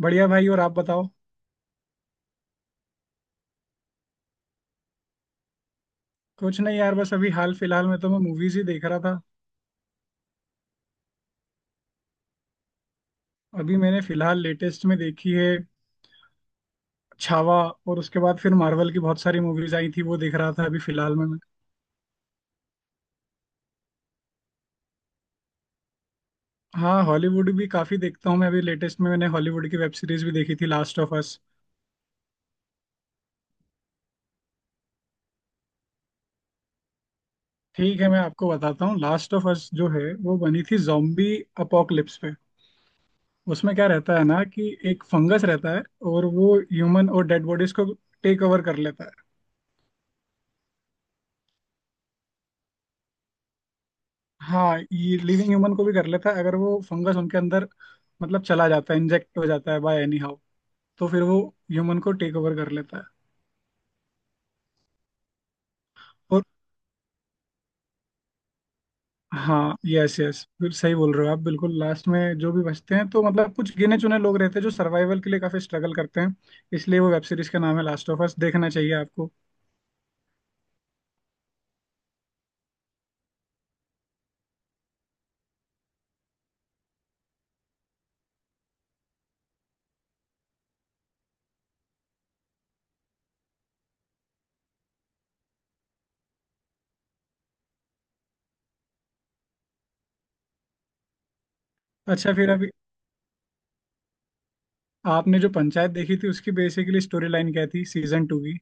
बढ़िया भाई। और आप बताओ। कुछ नहीं यार, बस अभी हाल फिलहाल में तो मैं मूवीज ही देख रहा था। अभी मैंने फिलहाल लेटेस्ट में देखी है छावा। और उसके बाद फिर मार्वल की बहुत सारी मूवीज आई थी वो देख रहा था अभी फिलहाल में मैं। हाँ, हॉलीवुड भी काफी देखता हूँ मैं। अभी लेटेस्ट में मैंने हॉलीवुड की वेब सीरीज भी देखी थी, लास्ट ऑफ अस। ठीक है मैं आपको बताता हूँ। लास्ट ऑफ अस जो है वो बनी थी जॉम्बी अपोकलिप्स पे। उसमें क्या रहता है ना कि एक फंगस रहता है, और वो ह्यूमन और डेड बॉडीज को टेक ओवर कर लेता है। हाँ, ये लिविंग ह्यूमन को भी कर लेता है अगर वो फंगस उनके अंदर मतलब चला जाता है, इंजेक्ट हो जाता है बाय एनी हाउ। तो फिर वो ह्यूमन को टेक ओवर कर लेता है। और हाँ, यस यस, फिर सही बोल रहे हो आप बिल्कुल। लास्ट में जो भी बचते हैं तो मतलब कुछ गिने चुने लोग रहते हैं जो सर्वाइवल के लिए काफी स्ट्रगल करते हैं। इसलिए वो वेब सीरीज का नाम है लास्ट ऑफ अस। देखना चाहिए आपको। अच्छा, फिर अभी आपने जो पंचायत देखी थी उसकी बेसिकली स्टोरी लाइन क्या थी सीजन टू की?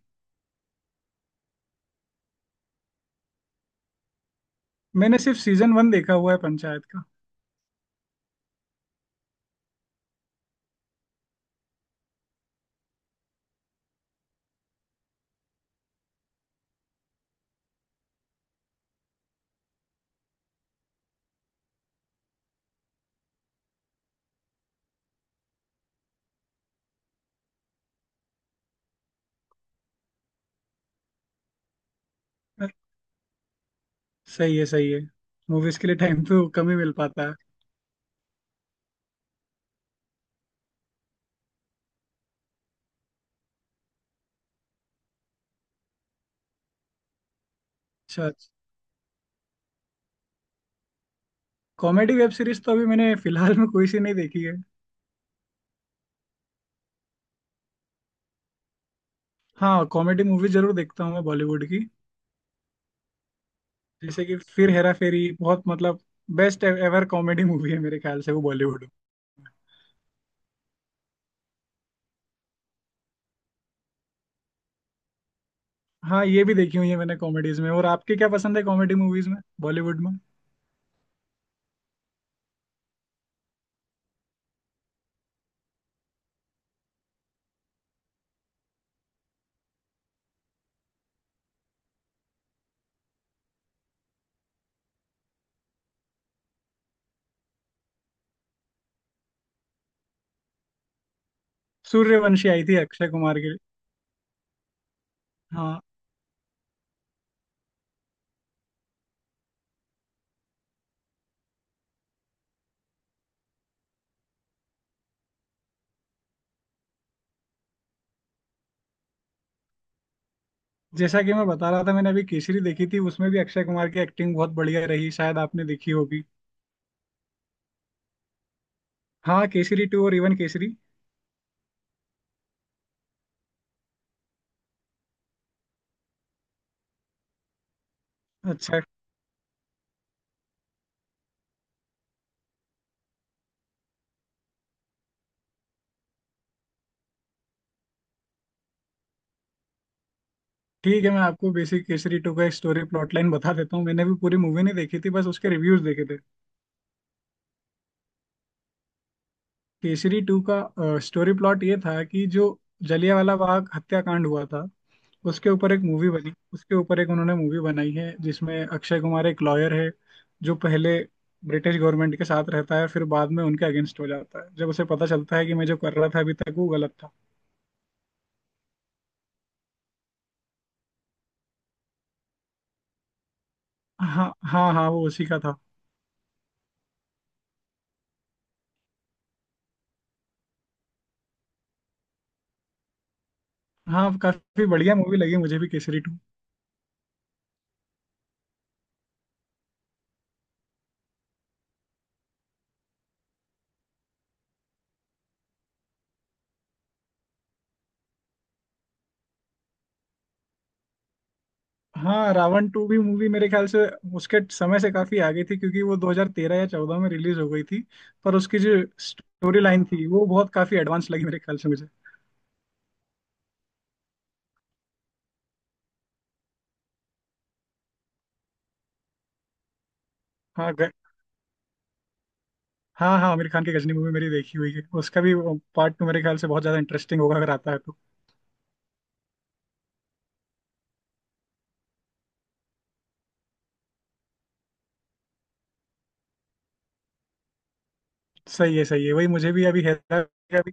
मैंने सिर्फ सीजन वन देखा हुआ है पंचायत का। सही है सही है, मूवीज के लिए टाइम तो कम ही मिल पाता है। अच्छा, कॉमेडी वेब सीरीज तो अभी मैंने फिलहाल में कोई सी नहीं देखी है। हाँ, कॉमेडी मूवी जरूर देखता हूँ मैं बॉलीवुड की। जैसे कि फिर हेरा फेरी, बहुत मतलब बेस्ट एवर कॉमेडी मूवी है मेरे ख्याल से वो बॉलीवुड में। हाँ ये भी देखी हुई है मैंने कॉमेडीज में। और आपके क्या पसंद है कॉमेडी मूवीज में बॉलीवुड में? सूर्यवंशी आई थी अक्षय कुमार की। हाँ, जैसा कि मैं बता रहा था, मैंने अभी केसरी देखी थी, उसमें भी अक्षय कुमार की एक्टिंग बहुत बढ़िया रही। शायद आपने देखी होगी। हाँ, केसरी टू और इवन केसरी। अच्छा, ठीक है मैं आपको बेसिक केसरी टू का एक स्टोरी प्लॉट लाइन बता देता हूँ। मैंने भी पूरी मूवी नहीं देखी थी, बस उसके रिव्यूज देखे थे। केसरी टू का स्टोरी प्लॉट ये था कि जो जलियांवाला बाग हत्याकांड हुआ था उसके ऊपर एक मूवी बनी। उसके ऊपर एक उन्होंने मूवी बनाई है जिसमें अक्षय कुमार एक लॉयर है, जो पहले ब्रिटिश गवर्नमेंट के साथ रहता है, फिर बाद में उनके अगेंस्ट हो जाता है जब उसे पता चलता है कि मैं जो कर रहा था अभी तक वो गलत था। हाँ हाँ हाँ, वो उसी का था। हाँ, काफी बढ़िया मूवी लगी मुझे भी केसरी टू। हाँ, रावण टू भी मूवी मेरे ख्याल से उसके समय से काफी आगे थी, क्योंकि वो 2013 या 14 में रिलीज हो गई थी। पर उसकी जो स्टोरी लाइन थी वो बहुत काफी एडवांस लगी मेरे ख्याल से मुझे। हाँ हाँ हाँ, आमिर खान की गजनी मूवी मेरी देखी हुई है। उसका भी पार्ट टू मेरे ख्याल से बहुत ज्यादा इंटरेस्टिंग होगा अगर आता है तो। सही है सही है, वही मुझे भी अभी हेरा का भी,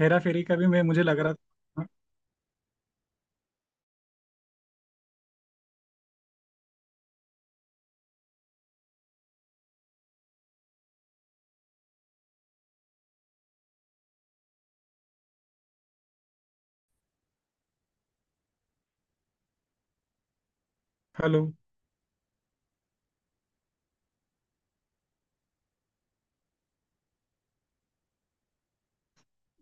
हेरा फेरी का भी मैं मुझे लग रहा था। हाँ, हेलो,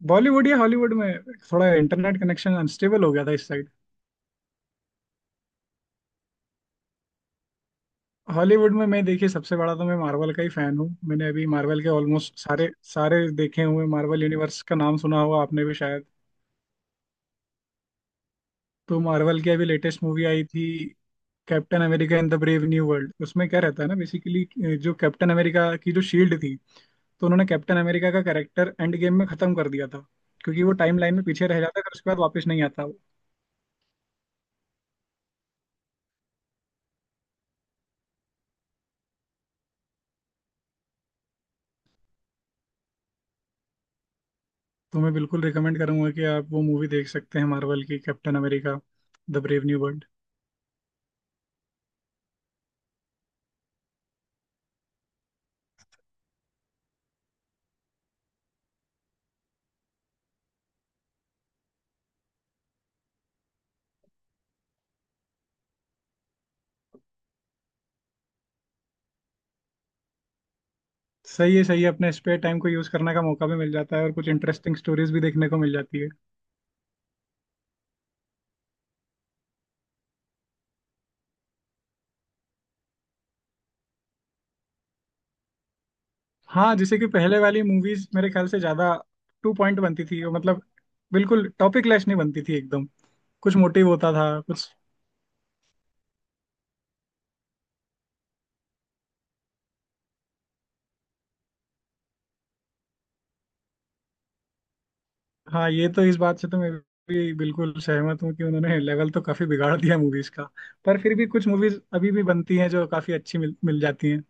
बॉलीवुड या हॉलीवुड में? थोड़ा इंटरनेट कनेक्शन अनस्टेबल हो गया था इस। हॉलीवुड में मैं देखिए सबसे बड़ा तो मैं मार्वल का ही फैन हूँ। मैंने अभी मार्वल के ऑलमोस्ट सारे सारे देखे हुए। मार्वल यूनिवर्स का नाम सुना होगा आपने भी शायद। तो मार्वल की अभी लेटेस्ट मूवी आई थी, captain America in the brave new world. उसमें क्या रहता है ना बेसिकली, जो कैप्टन अमेरिका की जो शील्ड थी, तो उन्होंने कैप्टन अमेरिका का कैरेक्टर एंड गेम में खत्म कर दिया था क्योंकि वो टाइम लाइन में पीछे रह जाता है, फिर उसके बाद वापस नहीं आता वो। तो मैं बिल्कुल रिकमेंड करूंगा कि आप वो मूवी देख सकते हैं, मार्वल की captain America the brave new world. सही है सही है, अपने स्पेयर टाइम को यूज करने का मौका भी मिल जाता है और कुछ इंटरेस्टिंग स्टोरीज भी देखने को मिल जाती है। हाँ, जैसे कि पहले वाली मूवीज मेरे ख्याल से ज्यादा टू पॉइंट बनती थी वो, मतलब बिल्कुल टॉपिक लेस नहीं बनती थी एकदम, कुछ मोटिव होता था कुछ। हाँ, ये तो इस बात से तो मैं भी बिल्कुल सहमत हूँ कि उन्होंने लेवल तो काफी बिगाड़ दिया मूवीज का। पर फिर भी कुछ मूवीज अभी भी बनती हैं जो काफी अच्छी मिल जाती हैं।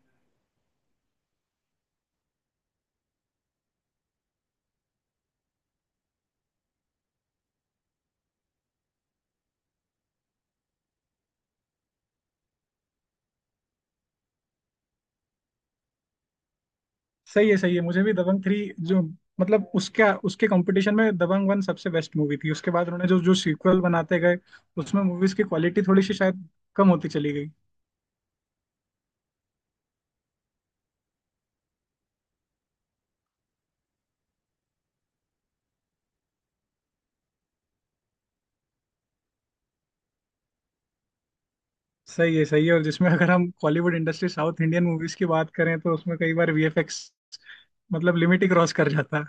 सही है सही है, मुझे भी दबंग थ्री जो मतलब उसका, उसके कंपटीशन में दबंग वन सबसे बेस्ट मूवी थी। उसके बाद उन्होंने जो जो सीक्वल बनाते गए उसमें मूवीज की क्वालिटी थोड़ी सी शायद कम होती चली गई। सही है सही है, और जिसमें अगर हम Bollywood industry south Indian movies की बात करें तो उसमें कई बार वीएफएक्स मतलब लिमिट ही क्रॉस कर जाता है।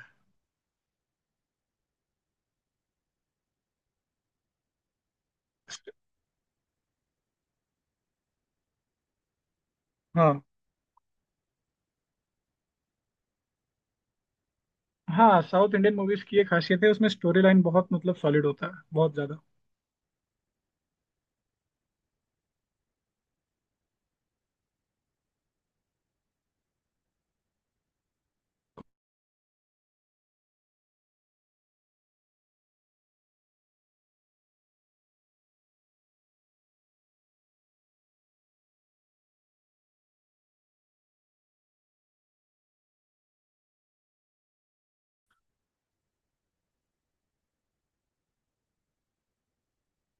हाँ हाँ, साउथ इंडियन मूवीज की एक खासियत है, उसमें स्टोरी लाइन बहुत मतलब सॉलिड होता है, बहुत ज्यादा।